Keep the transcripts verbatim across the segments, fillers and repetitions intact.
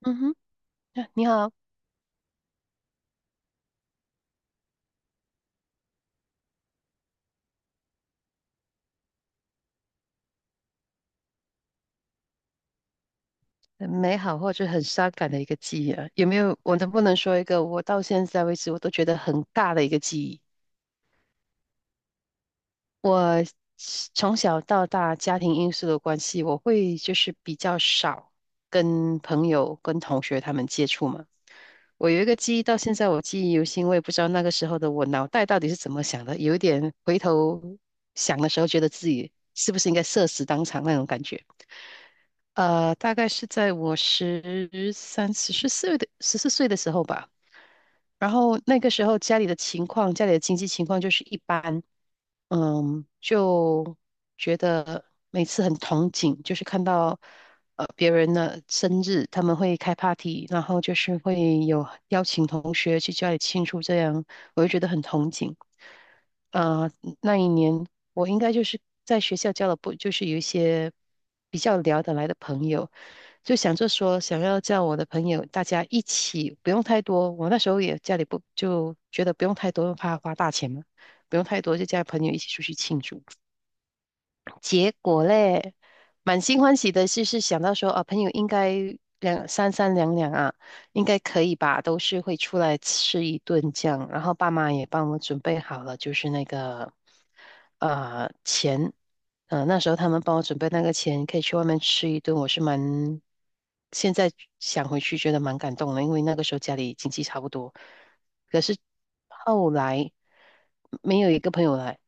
嗯哼，啊你好。很美好或者很伤感的一个记忆啊，有没有？我能不能说一个我到现在为止我都觉得很大的一个记忆？我从小到大家庭因素的关系，我会就是比较少跟朋友、跟同学他们接触嘛。我有一个记忆，到现在我记忆犹新，我也不知道那个时候的我脑袋到底是怎么想的，有一点回头想的时候，觉得自己是不是应该社死当场那种感觉。呃，大概是在我十三、十四岁的十四岁的时候吧。然后那个时候家里的情况，家里的经济情况就是一般。嗯，就觉得每次很憧憬，就是看到呃别人的生日，他们会开 party，然后就是会有邀请同学去家里庆祝，这样我就觉得很憧憬。呃，那一年我应该就是在学校交了不，就是有一些比较聊得来的朋友，就想着说想要叫我的朋友大家一起，不用太多。我那时候也家里不就觉得不用太多，怕花大钱嘛，不用太多，就叫朋友一起出去庆祝。结果嘞，满心欢喜的是是想到说啊，朋友应该两三三两两啊，应该可以吧，都是会出来吃一顿这样。然后爸妈也帮我准备好了，就是那个呃钱。呃那时候他们帮我准备那个钱，可以去外面吃一顿，我是蛮现在想回去觉得蛮感动的，因为那个时候家里经济差不多，可是后来没有一个朋友来。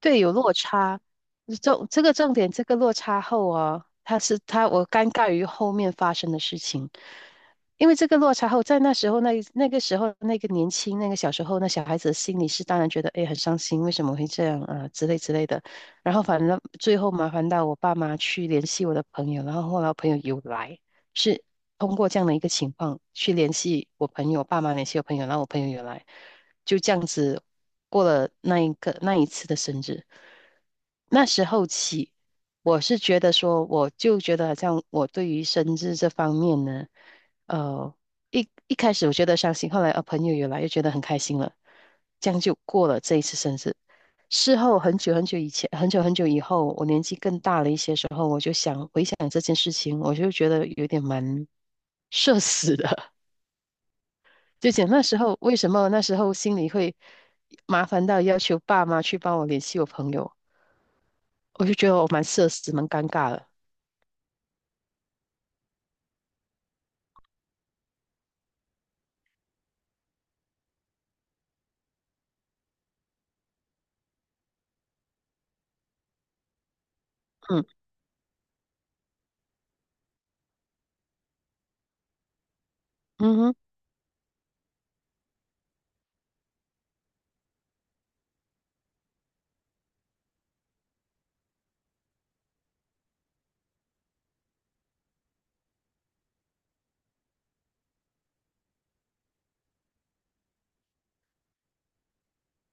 对，有落差。重这个重点，这个落差后啊，他是他，我尴尬于后面发生的事情。因为这个落差后，在那时候那那个时候那个年轻那个小时候那小孩子的心里是当然觉得哎很伤心，为什么会这样啊之类之类的。然后反正最后麻烦到我爸妈去联系我的朋友，然后后来我朋友有来，是通过这样的一个情况去联系我朋友，爸妈联系我朋友，然后我朋友有来。就这样子过了那一个那一次的生日。那时候起，我是觉得说，我就觉得好像我对于生日这方面呢，呃，一一开始我觉得伤心，后来呃朋友有来又觉得很开心了，这样就过了这一次生日。事后很久很久以前，很久很久以后，我年纪更大了一些时候，我就想回想这件事情，我就觉得有点蛮 社死的。就讲那时候为什么那时候心里会麻烦到要求爸妈去帮我联系我朋友，我就觉得我蛮社死，蛮尴尬的。嗯，嗯哼。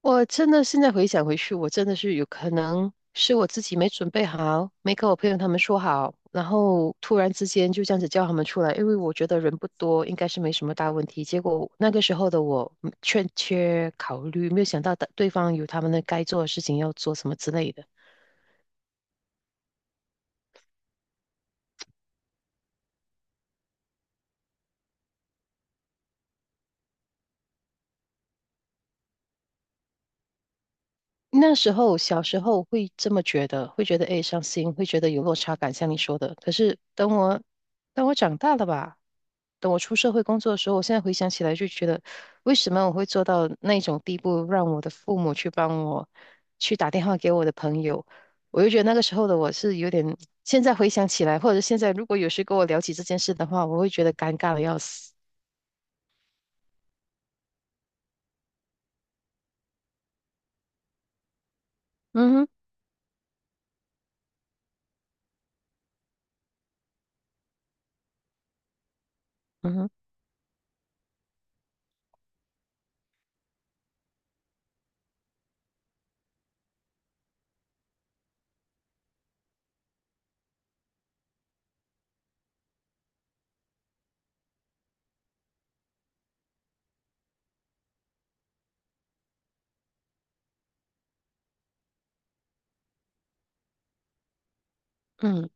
我真的现在回想回去，我真的是有可能是我自己没准备好，没跟我朋友他们说好，然后突然之间就这样子叫他们出来，因为我觉得人不多，应该是没什么大问题。结果那个时候的我嗯欠缺考虑，没有想到的对方有他们的该做的事情要做什么之类的。那时候小时候会这么觉得，会觉得诶伤心，会觉得有落差感，像你说的。可是等我等我长大了吧，等我出社会工作的时候，我现在回想起来就觉得，为什么我会做到那种地步，让我的父母去帮我去打电话给我的朋友？我就觉得那个时候的我是有点，现在回想起来，或者现在如果有谁跟我聊起这件事的话，我会觉得尴尬的要死。嗯哼。嗯哼。嗯。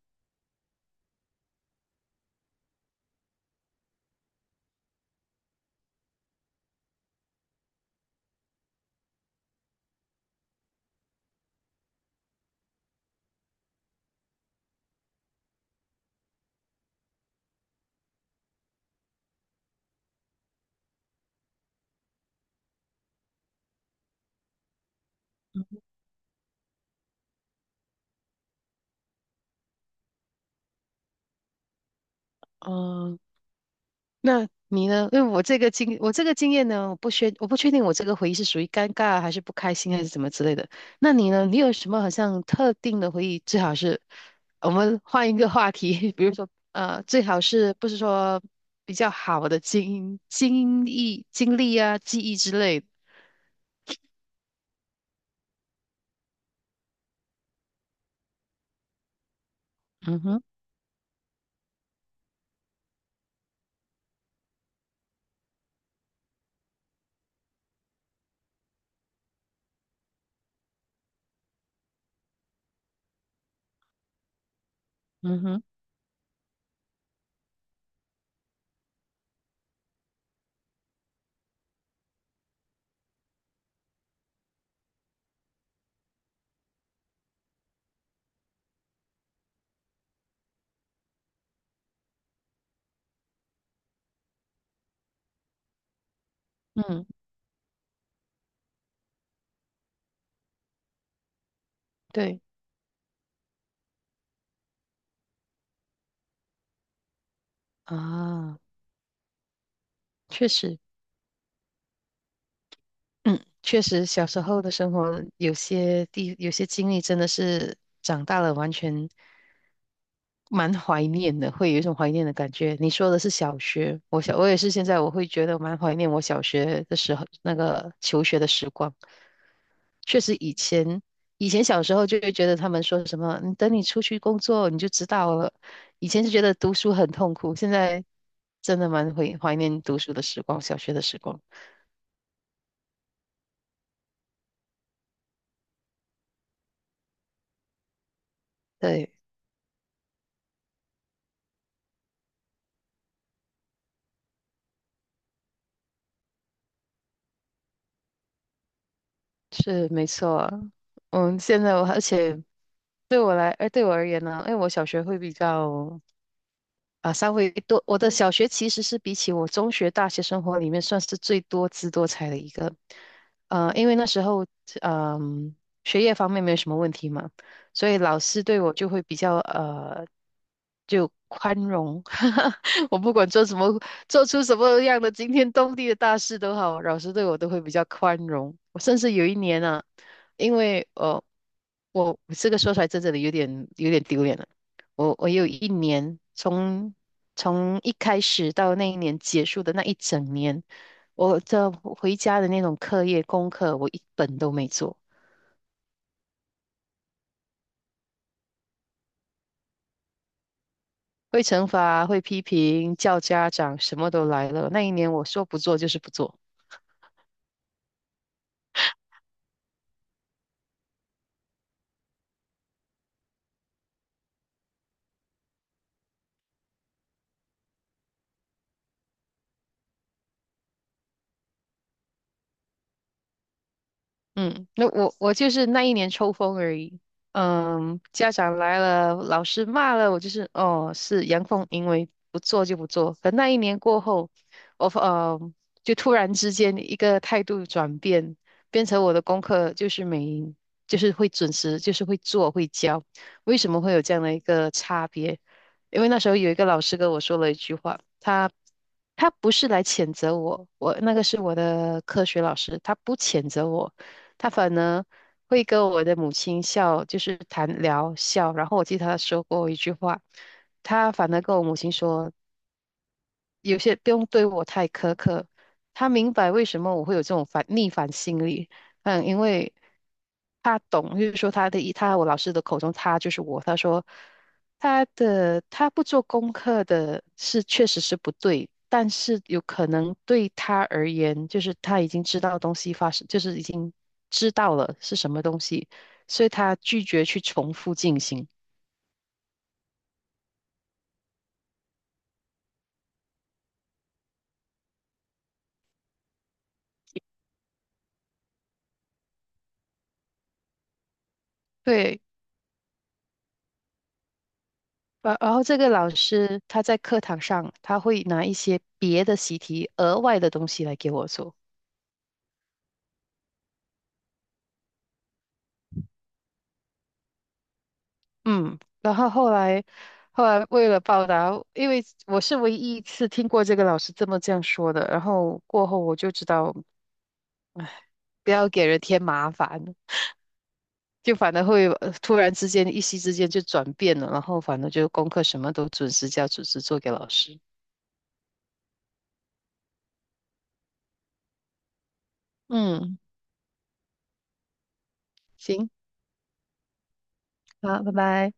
哦。那你呢？因为我这个经我这个经验呢，我不确我不确定我这个回忆是属于尴尬还是不开心还是怎么之类的。那你呢？你有什么好像特定的回忆？最好是我们换一个话题，比如说呃，最好是不是说比较好的经经历经历啊、记忆之类的？嗯哼。嗯哼。嗯，对啊，确实。嗯，确实，小时候的生活有些地，有些经历真的是长大了完全蛮怀念的，会有一种怀念的感觉。你说的是小学，我小，我也是现在我会觉得蛮怀念我小学的时候，那个求学的时光。确实，以前以前小时候就会觉得他们说什么，你等你出去工作你就知道了。以前是觉得读书很痛苦，现在真的蛮怀怀念读书的时光，小学的时光。对。是没错啊。嗯，现在我而且对我来，哎，对我而言呢，因为我小学会比较啊，稍微多。我的小学其实是比起我中学、大学生活里面算是最多姿多彩的一个。呃，因为那时候，嗯、学业方面没有什么问题嘛，所以老师对我就会比较呃，就宽容。我不管做什么，做出什么样的惊天动地的大事都好，老师对我都会比较宽容。我甚至有一年啊，因为呃，我这个说出来真的有点有点丢脸了。我我有一年，从从一开始到那一年结束的那一整年，我这回家的那种课业功课，我一本都没做。会惩罚，会批评，叫家长，什么都来了。那一年我说不做就是不做。嗯，那我我就是那一年抽风而已。嗯，家长来了，老师骂了，我就是哦，是阳奉阴违，不做就不做。可那一年过后，我呃就突然之间一个态度转变，变成我的功课就是每就是会准时，就是会做会教。为什么会有这样的一个差别？因为那时候有一个老师跟我说了一句话，他他不是来谴责我。我那个是我的科学老师，他不谴责我。他反而会跟我的母亲笑，就是谈聊笑。然后我记得他说过一句话，他反而跟我母亲说：有些不用对我太苛刻，他明白为什么我会有这种反逆反心理。嗯，因为他懂，就是说他的一，他我老师的口中他就是我。他说他的他不做功课的是确实是不对，但是有可能对他而言，就是他已经知道东西发生，就是已经知道了是什么东西，所以他拒绝去重复进行。对，然然后这个老师他在课堂上他会拿一些别的习题、额外的东西来给我做。嗯，然后后来后来为了报答，因为我是唯一一次听过这个老师这么这样说的，然后过后我就知道不要给人添麻烦，就反而会呃突然之间一夕之间就转变了，然后反正就功课什么都准时交、准时做给老师。嗯，行，好，拜拜。